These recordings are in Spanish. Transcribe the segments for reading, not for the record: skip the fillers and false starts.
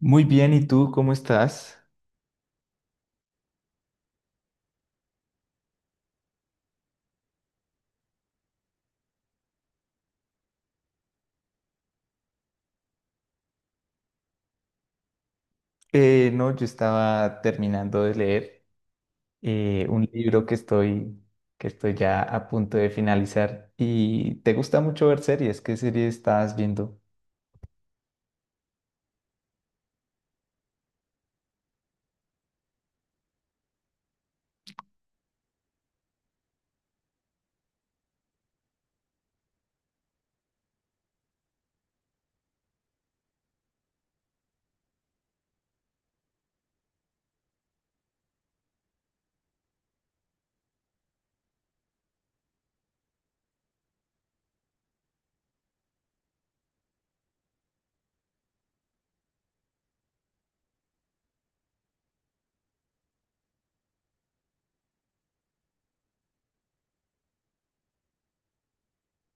Muy bien, ¿y tú cómo estás? No, yo estaba terminando de leer un libro que estoy ya a punto de finalizar. ¿Y te gusta mucho ver series? ¿Qué serie estabas viendo?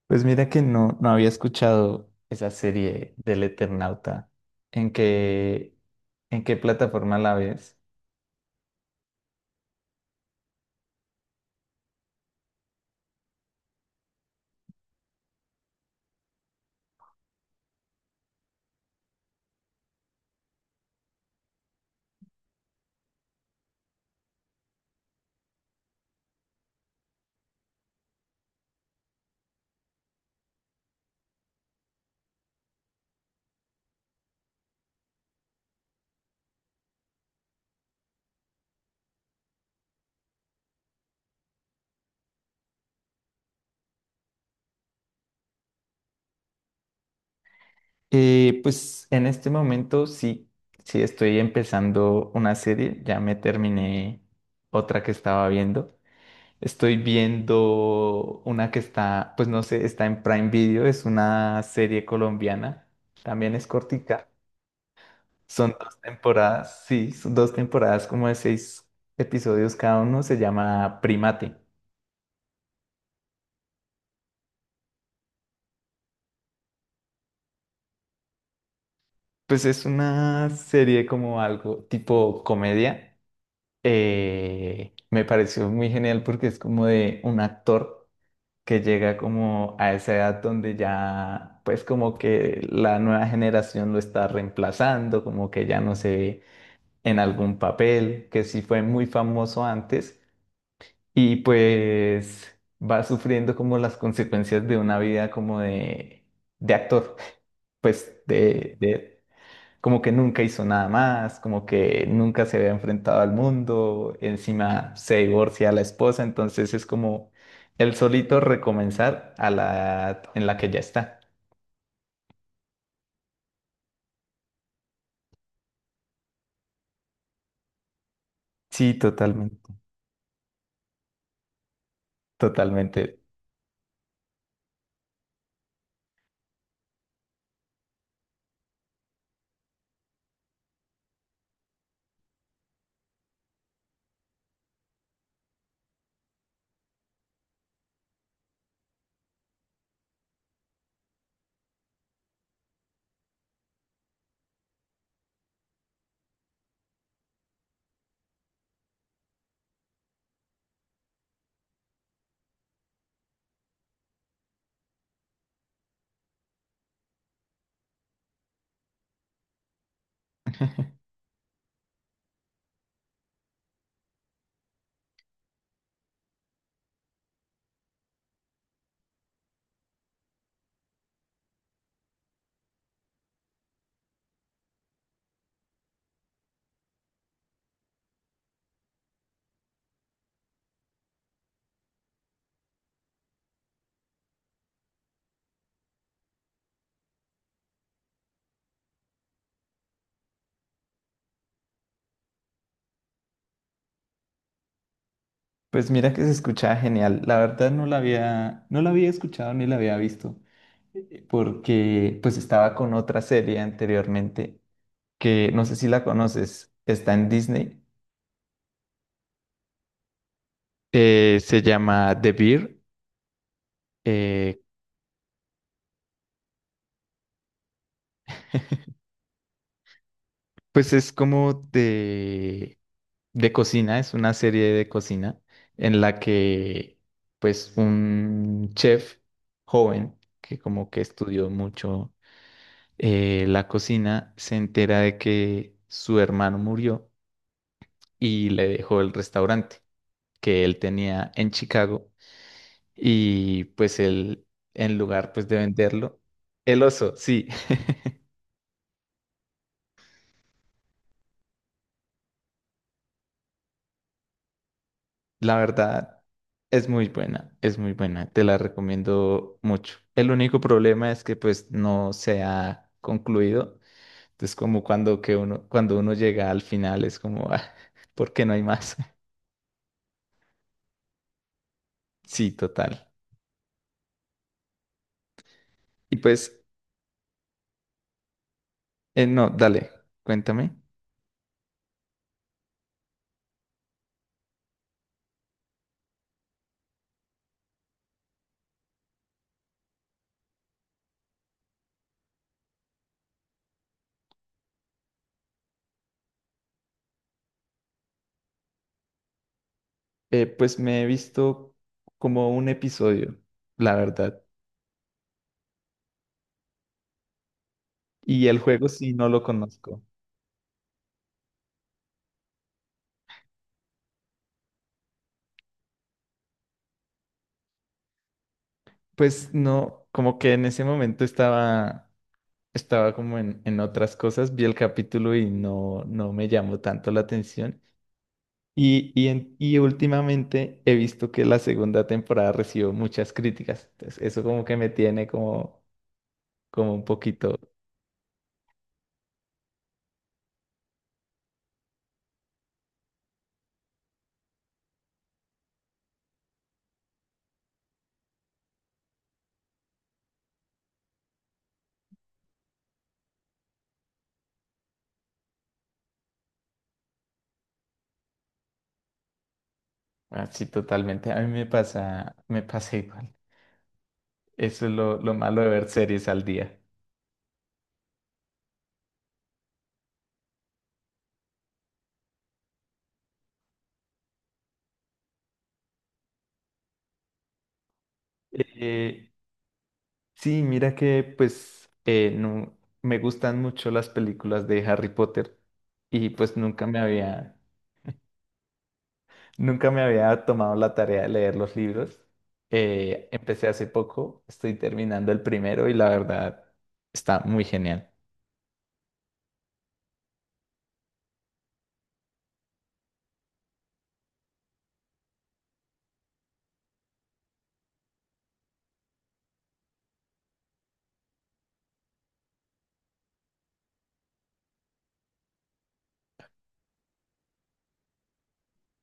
Pues mira que no había escuchado esa serie del Eternauta. ¿En qué, ¿En qué plataforma la ves? Pues en este momento sí, sí estoy empezando una serie. Ya me terminé otra que estaba viendo. Estoy viendo una que está, pues no sé, está en Prime Video, es una serie colombiana, también es cortica. Son dos temporadas, sí, son dos temporadas como de seis episodios cada uno, se llama Primate. Pues es una serie como algo tipo comedia. Me pareció muy genial porque es como de un actor, que llega como a esa edad donde ya, pues como que la nueva generación lo está reemplazando, como que ya no se ve en algún papel, que sí fue muy famoso antes y pues va sufriendo como las consecuencias de una vida como de actor, pues de como que nunca hizo nada más, como que nunca se había enfrentado al mundo, encima se divorcia a la esposa, entonces es como el solito recomenzar a la edad en la que ya está. Sí, totalmente, totalmente. Pues mira que se escuchaba genial. La verdad no la había escuchado ni la había visto, porque pues estaba con otra serie anteriormente que no sé si la conoces, está en Disney, se llama The Bear. Pues es como de cocina, es una serie de cocina en la que pues un chef joven que como que estudió mucho la cocina, se entera de que su hermano murió y le dejó el restaurante que él tenía en Chicago y pues él en lugar pues de venderlo, el oso, sí. La verdad, es muy buena, te la recomiendo mucho. El único problema es que pues no se ha concluido. Entonces, como cuando que uno, cuando uno llega al final es como, ah, ¿por qué no hay más? Sí, total. Y pues, no, dale, cuéntame. Pues me he visto como un episodio, la verdad. Y el juego sí no lo conozco. Pues no, como que en ese momento estaba, estaba como en otras cosas, vi el capítulo y no, no me llamó tanto la atención. Y últimamente he visto que la segunda temporada recibió muchas críticas. Entonces, eso como que me tiene como, como un poquito así totalmente. A mí me pasa igual. Eso es lo malo de ver series al día. Eh, sí, mira que pues no, me gustan mucho las películas de Harry Potter y pues nunca me había... Nunca me había tomado la tarea de leer los libros. Empecé hace poco, estoy terminando el primero y la verdad está muy genial.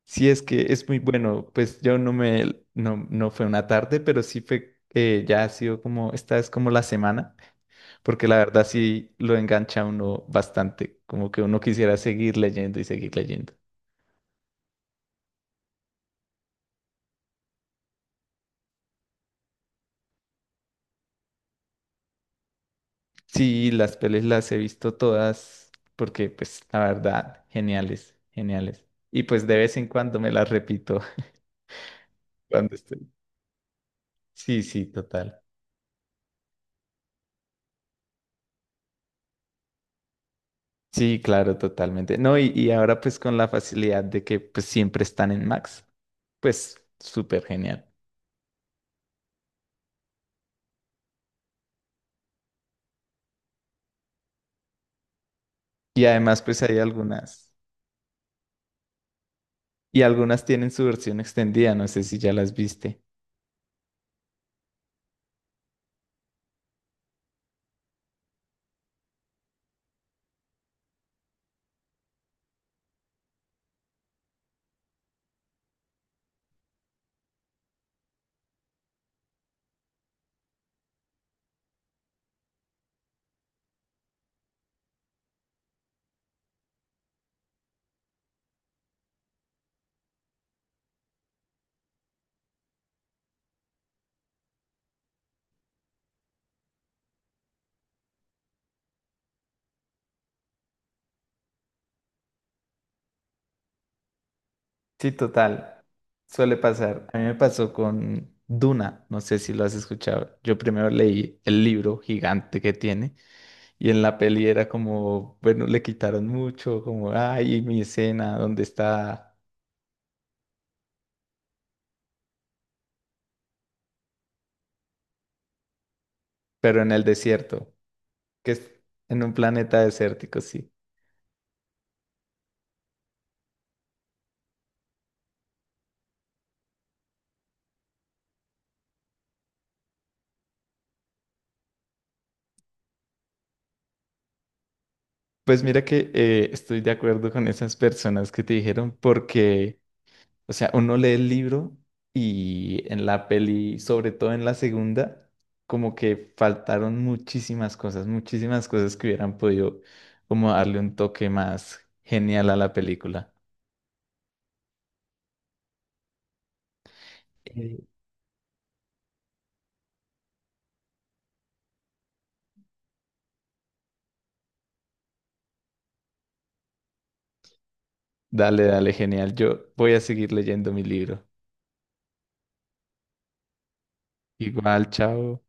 Sí, es que es muy bueno, pues yo no me, no, no fue una tarde, pero sí fue, ya ha sido como, esta es como la semana, porque la verdad sí lo engancha a uno bastante, como que uno quisiera seguir leyendo y seguir leyendo. Sí, las pelis las he visto todas, porque pues la verdad, geniales, geniales. Y pues de vez en cuando me las repito. Clandestino. Sí, sí, total. Sí, claro, totalmente. No, Y, y ahora pues con la facilidad de que pues siempre están en Max, pues súper genial. Y además pues hay algunas, y algunas tienen su versión extendida, no sé si ya las viste. Sí, total, suele pasar. A mí me pasó con Duna, no sé si lo has escuchado. Yo primero leí el libro gigante que tiene. Y en la peli era como, bueno, le quitaron mucho, como, ay, mi escena, ¿dónde está? Pero en el desierto, que es en un planeta desértico, sí. Pues mira que estoy de acuerdo con esas personas que te dijeron porque, o sea, uno lee el libro y en la peli, sobre todo en la segunda, como que faltaron muchísimas cosas que hubieran podido como darle un toque más genial a la película. Eh, Dale, dale, genial. Yo voy a seguir leyendo mi libro. Igual, chao.